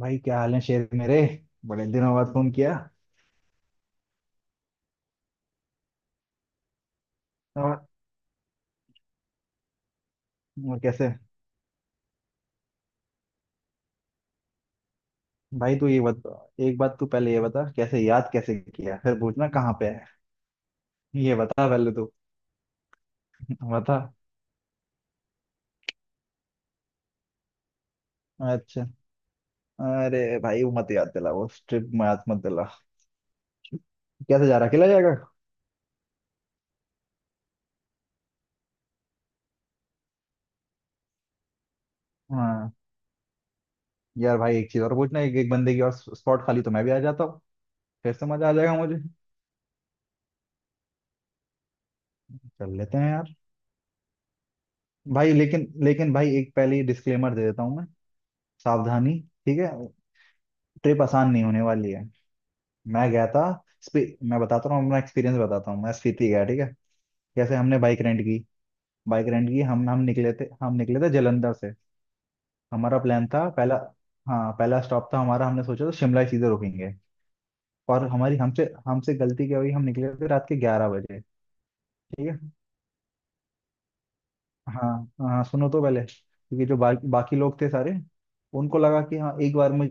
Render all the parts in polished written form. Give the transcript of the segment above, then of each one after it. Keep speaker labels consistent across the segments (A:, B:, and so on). A: भाई, क्या हाल है शेर मेरे। बड़े दिनों बाद फोन किया। और और कैसे? भाई तू ये बता। एक बात तू पहले ये बता, कैसे याद कैसे किया, फिर पूछना कहाँ पे है। ये बता पहले तू। बता। अच्छा। अरे भाई, वो मत याद दिला वो ट्रिप, मत मत दिला। कैसे जा रहा? अकेला जाएगा? हाँ। यार भाई, एक चीज और पूछना, एक एक बंदे की और स्पॉट खाली तो मैं भी आ जाता हूँ। फिर से मजा आ जाएगा मुझे। चल लेते हैं यार। भाई, लेकिन लेकिन भाई, एक पहले डिस्क्लेमर दे देता हूँ मैं। सावधानी। ठीक है। ट्रिप आसान नहीं होने वाली है। मैं गया था। मैं बताता हूँ अपना एक्सपीरियंस बताता हूँ, मैं स्पीति गया, ठीक है। जैसे हमने बाइक रेंट की। बाइक रेंट की, हम निकले थे, हम निकले थे जलंधर से। हमारा प्लान था पहला। हाँ, पहला स्टॉप था हमारा, हमने सोचा था शिमला ही सीधे रुकेंगे। और हमारी हमसे हमसे गलती क्या हुई, हम निकले थे रात के 11 बजे। ठीक है। हाँ, हाँ, सुनो तो पहले, क्योंकि जो बाकी बाकी लोग थे सारे, उनको लगा कि हाँ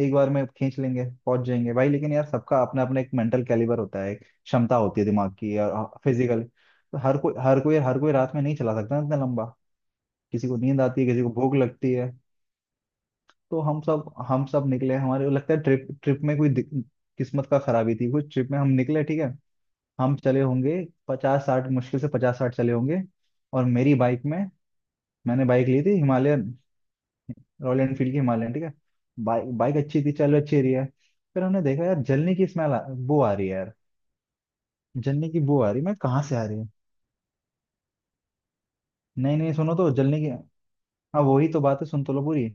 A: एक बार में खींच लेंगे पहुंच जाएंगे भाई। लेकिन यार, सबका अपना अपना एक मेंटल कैलिबर होता है, एक क्षमता होती है दिमाग की। और फिजिकल तो हर कोई रात में नहीं चला सकता ना, इतना लंबा। किसी को नींद आती है, किसी को भूख लगती है। तो हम सब निकले। हमारे को लगता है ट्रिप ट्रिप में कोई किस्मत का खराबी थी कुछ, ट्रिप में हम निकले ठीक है। हम चले होंगे 50 60, मुश्किल से 50 60 चले होंगे। और मेरी बाइक में, मैंने बाइक ली थी हिमालयन, रॉयल एनफील्ड की हिमालयन ठीक है। बाइक बाइक अच्छी थी, चलो अच्छी रही है। फिर हमने देखा, यार जलने की बू आ रही है यार। जलने की बू आ रही है, मैं कहाँ से आ रही है? नहीं नहीं, सुनो तो जलने की, हाँ वही तो बात है, सुन तो लो पूरी।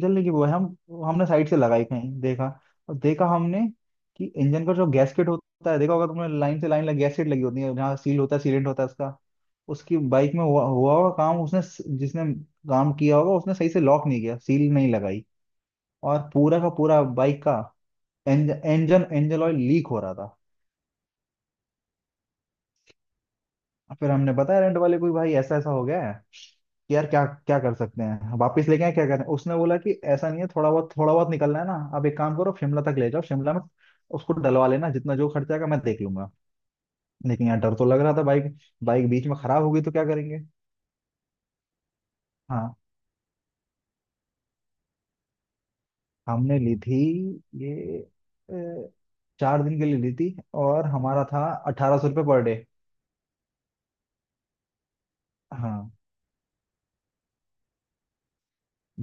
A: जलने की बू है। हम हमने साइड से लगाई, कहीं देखा। और देखा हमने कि इंजन का जो गैसकेट होता है, देखा होगा तुमने, लाइन से लाइन लग गैसकेट लगी होती है, जहाँ सील होता है, सीलेंट होता है उसका। उसकी बाइक में हुआ हुआ होगा, काम उसने, जिसने काम किया होगा उसने सही से लॉक नहीं किया, सील नहीं लगाई। और पूरा का पूरा बाइक का एंज, इंजन इंजन ऑयल लीक हो रहा था। फिर हमने बताया रेंट वाले को, भाई ऐसा ऐसा हो गया है कि यार क्या क्या कर सकते हैं, वापस लेके आए क्या करें। उसने बोला कि ऐसा नहीं है, थोड़ा बहुत निकलना है ना, अब एक काम करो शिमला तक ले जाओ, शिमला में उसको डलवा लेना, जितना जो खर्चा आएगा मैं देख लूंगा। लेकिन यार डर तो लग रहा था बाइक बाइक बीच में खराब होगी तो क्या करेंगे। हाँ, हमने ली थी ये, अ, 4 दिन के लिए ली थी। और हमारा था 1800 रुपये पर डे। हाँ।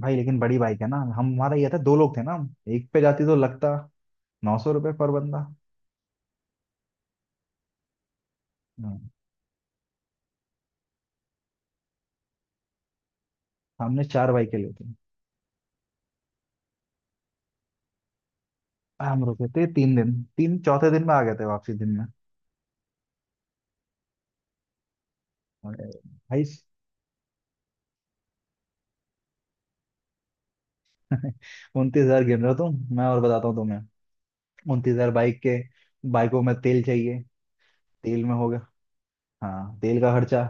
A: भाई लेकिन बड़ी बाइक है ना, हम हमारा ये था, दो लोग थे ना, हम एक पे जाती तो लगता 900 रुपये पर बंदा। हाँ। हमने चार बाइक लिए थे। हम रुके थे 3 दिन, तीन चौथे दिन में आ गए थे, वापसी दिन में। अरे भाई 29,000 गिन रहे हो तुम, मैं और बताता हूँ तुम्हें। 29,000 बाइक के, बाइकों में तेल चाहिए। तेल में हो गया। हाँ तेल का खर्चा,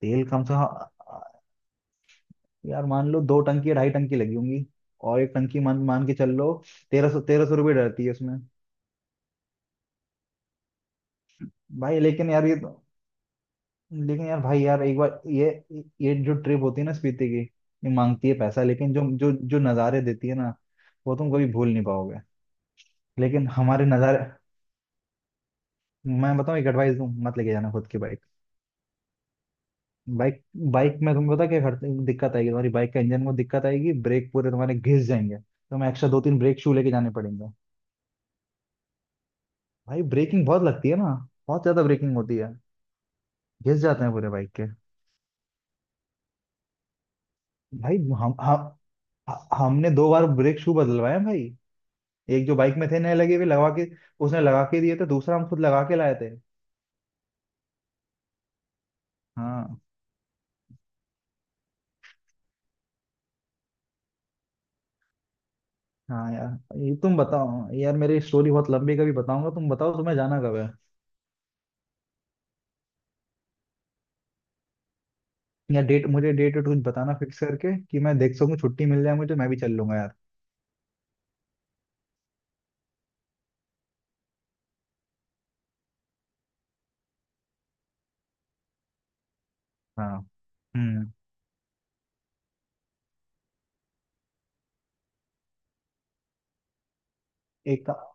A: तेल कम से कम, यार मान लो दो टंकी या ढाई टंकी लगी होंगी। और एक टंकी मान मान के चल लो, 1300 रुपये डरती है उसमें। भाई लेकिन यार ये तो, लेकिन यार भाई यार एक बार ये जो ट्रिप होती है ना स्पीति की, ये मांगती है पैसा। लेकिन जो जो जो नज़ारे देती है ना, वो तुम कभी भूल नहीं पाओगे। लेकिन हमारे नज़ारे, मैं बताऊँ, एक एडवाइस दूं, मत लेके जाना खुद की बाइक। बाइक बाइक में तुम्हें पता क्या दिक्कत आएगी, तुम्हारी बाइक का इंजन में दिक्कत आएगी, ब्रेक पूरे तुम्हारे घिस जाएंगे, तुम्हें एक्स्ट्रा दो तीन ब्रेक शू लेके जाने पड़ेंगे। भाई ब्रेकिंग बहुत लगती है ना, बहुत ज्यादा ब्रेकिंग होती है, घिस जाते हैं पूरे बाइक के। भाई हम हमने दो बार ब्रेक शू बदलवाए हैं भाई। एक जो बाइक में थे नए लगे हुए लगा के, उसने लगा के दिए थे, दूसरा हम खुद लगा के लाए थे। हाँ। हाँ यार ये तुम बताओ। यार मेरी स्टोरी बहुत लंबी है, कभी बताऊंगा। तुम बताओ, तुम्हें जाना कब है, या डेट, मुझे डेट कुछ बताना फिक्स करके, कि मैं देख सकूं छुट्टी मिल जाए, मुझे तो मैं भी चल लूंगा यार। हाँ। हम्म। एक का-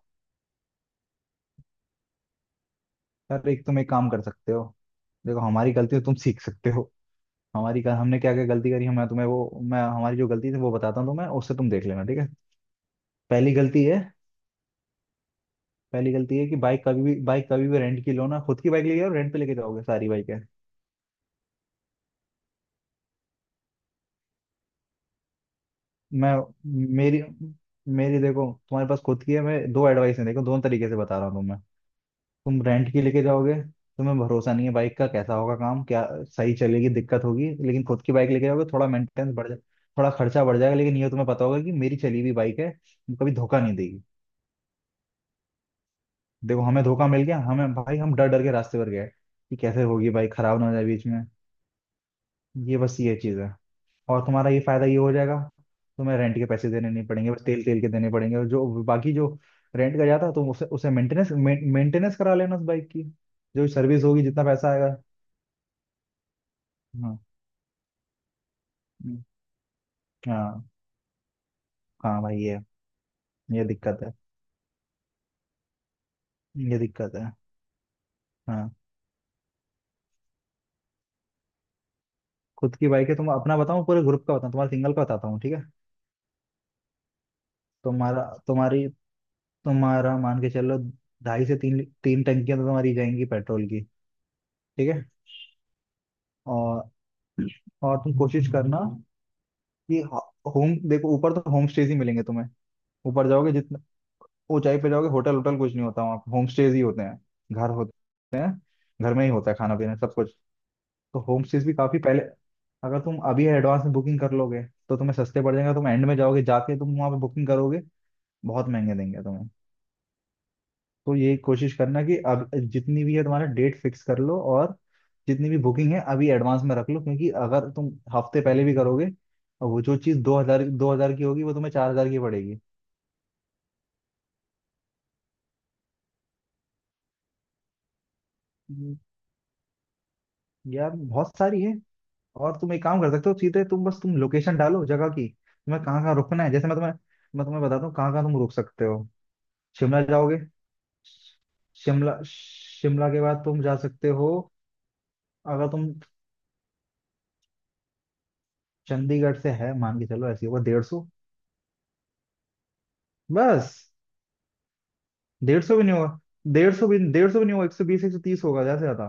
A: यार एक, तुम एक काम कर सकते हो। देखो हमारी गलती है, तुम सीख सकते हो। हमारी का हमने क्या क्या गलती करी है, मैं तुम्हें वो, मैं हमारी जो गलती थी वो बताता हूँ तुम्हें, उससे तुम देख लेना ठीक है। पहली गलती है, पहली गलती है कि बाइक कभी भी रेंट की लो ना, खुद की बाइक ले आओ, रेंट पे लेके जाओगे सारी बाइक। मैं मेरी मेरी देखो, तुम्हारे पास खुद की है, मैं दो एडवाइस है देखो, दोनों तरीके से बता रहा हूँ तुम्हें। तुम रेंट की लेके जाओगे, तुम्हें भरोसा नहीं है बाइक का कैसा होगा काम, क्या सही चलेगी, दिक्कत होगी। लेकिन खुद की बाइक लेके जाओगे, थोड़ा मेंटेनेंस बढ़ जाए, थोड़ा खर्चा बढ़ जाएगा, लेकिन ये तुम्हें पता होगा कि मेरी चली हुई बाइक है, वो कभी धोखा नहीं देगी। देखो हमें धोखा मिल गया हमें भाई, हम डर डर के रास्ते पर गए कि कैसे होगी बाइक, खराब ना हो जाए बीच में। ये बस ये चीज है। और तुम्हारा ये फायदा ये हो जाएगा, तुम्हें रेंट के पैसे देने नहीं पड़ेंगे, बस तेल तेल के देने पड़ेंगे, और जो बाकी जो रेंट का जाता है तुम उसे उसे मेंटेनेंस मेंटेनेंस करा लेना उस बाइक की, जो सर्विस होगी जितना पैसा आएगा। हाँ। हम्म। हाँ। हाँ भाई ये दिक्कत है, ये दिक्कत है। हाँ। खुद की बाइक है, तुम अपना बताओ पूरे ग्रुप का बताओ, तुम्हारा सिंगल का बताता हूँ ठीक है। तुम्हारा तुम्हारी तुम्हारा मान के चलो, ढाई से तीन तीन टंकियां तो तुम्हारी जाएंगी पेट्रोल की, ठीक है। और और तुम कोशिश करना कि होम देखो, ऊपर तो होम स्टेज ही मिलेंगे तुम्हें। ऊपर जाओगे जितना ऊंचाई पे जाओगे, होटल होटल कुछ नहीं होता वहाँ पे, होम स्टेज ही होते हैं, घर होते हैं, घर में ही होता है खाना पीना सब कुछ। तो होम स्टेज भी काफी पहले, अगर तुम अभी एडवांस में बुकिंग कर लोगे तो तुम्हें सस्ते पड़ जाएगा। तुम एंड में जाओगे, जाके तुम वहां पे बुकिंग करोगे, बहुत महंगे देंगे तुम्हें। तो ये कोशिश करना कि अब जितनी भी है तुम्हारा डेट फिक्स कर लो, और जितनी भी बुकिंग है अभी एडवांस में रख लो, क्योंकि अगर तुम हफ्ते पहले भी करोगे, वो जो चीज़ 2,000 की होगी वो तुम्हें 4,000 की पड़ेगी। हम्म। यार बहुत सारी है, और तुम एक काम कर सकते हो। सीधे तुम बस तुम लोकेशन डालो जगह की, तुम्हें कहाँ कहाँ रुकना है, जैसे मैं तुम्हें, मैं तुम्हें बताता हूँ कहाँ कहाँ तुम रुक सकते हो। शिमला जाओगे, शिमला शिमला के बाद तुम जा सकते हो, अगर तुम चंडीगढ़ से है मान के चलो, ऐसी होगा 150। बस। 150 भी नहीं होगा, डेढ़ सौ भी नहीं होगा, 120 130 होगा ज्यादा से ज्यादा।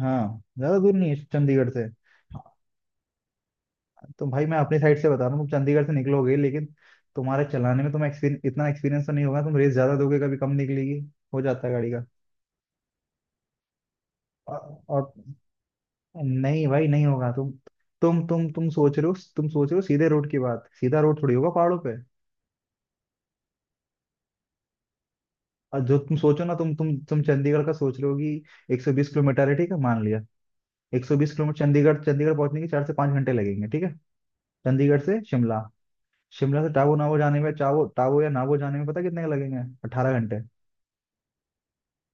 A: हाँ, ज्यादा दूर नहीं है चंडीगढ़ से। तो भाई मैं अपनी साइड से बता रहा हूँ, तुम चंडीगढ़ से निकलोगे, लेकिन तुम्हारे चलाने में तुम्हें एक्सपीरियंस, इतना एक्सपीरियंस तो नहीं होगा, तुम रेस ज्यादा दोगे कभी कम निकलेगी, हो जाता है गाड़ी का। और नहीं भाई नहीं होगा तुम, तुम सोच रहे हो, सीधे रोड की बात, सीधा रोड थोड़ी होगा पहाड़ों पे। और जो तुम सोचो ना, तुम चंडीगढ़ का सोच रहे हो कि 120 किलोमीटर है, ठीक है मान लिया, 120 किलोमीटर। चंडीगढ़ चंडीगढ़ पहुंचने के 4 से 5 घंटे लगेंगे ठीक है। चंडीगढ़ से शिमला, शिमला से टावो नावो जाने में, चावो टावो या नावो जाने में पता कितने लगेंगे? 18 घंटे।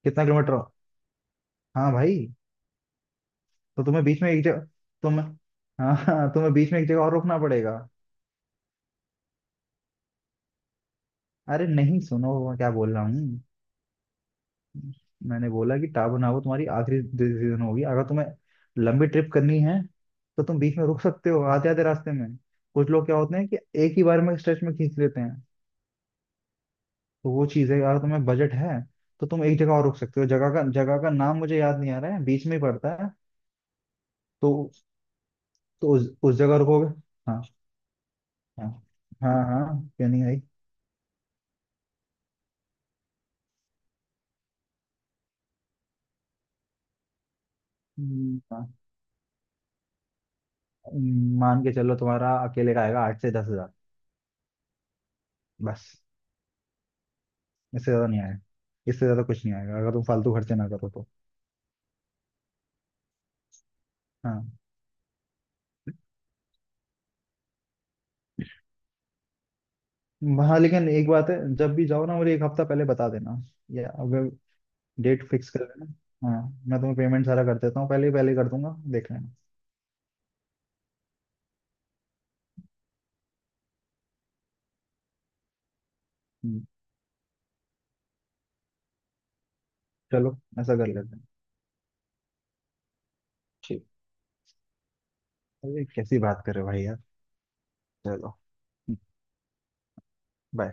A: कितना किलोमीटर? हाँ भाई। तो तुम्हें बीच में एक जगह, तुम हाँ हाँ, तुम्हें बीच में एक जगह और रुकना पड़ेगा। अरे नहीं सुनो मैं क्या बोल रहा हूँ। मैंने बोला कि टाबू नाबू तुम्हारी आखिरी डिसीजन होगी, अगर तुम्हें लंबी ट्रिप करनी है तो तुम बीच में रुक सकते हो आधे आधे रास्ते में। कुछ लोग क्या होते हैं कि एक ही बार में स्ट्रेच में खींच लेते हैं। तो वो चीज़ है, अगर तुम्हें बजट है तो तुम एक जगह और रुक सकते हो, जगह का नाम मुझे याद नहीं आ रहा है, बीच में ही पड़ता है। तो तो उस जगह रुकोगे। हाँ। हाँ। हाँ हाँ, क्यों नहीं आई। हाँ, मान के चलो तुम्हारा अकेले का आएगा 8 से 10 हजार, बस। इससे ज्यादा नहीं आएगा, इससे ज्यादा कुछ नहीं आएगा अगर तुम फालतू खर्चे ना करो तो। हाँ। हाँ लेकिन एक बात है, जब भी जाओ ना, मुझे 1 हफ्ता पहले बता देना, या अगर डेट फिक्स कर लेना। हाँ। मैं तुम्हें पेमेंट सारा कर देता हूँ, पहले ही कर दूंगा, देख लेना। हम्म। चलो ऐसा कर लेते हैं। ठीक। अरे कैसी बात कर रहे हो भाई यार। चलो। बाय।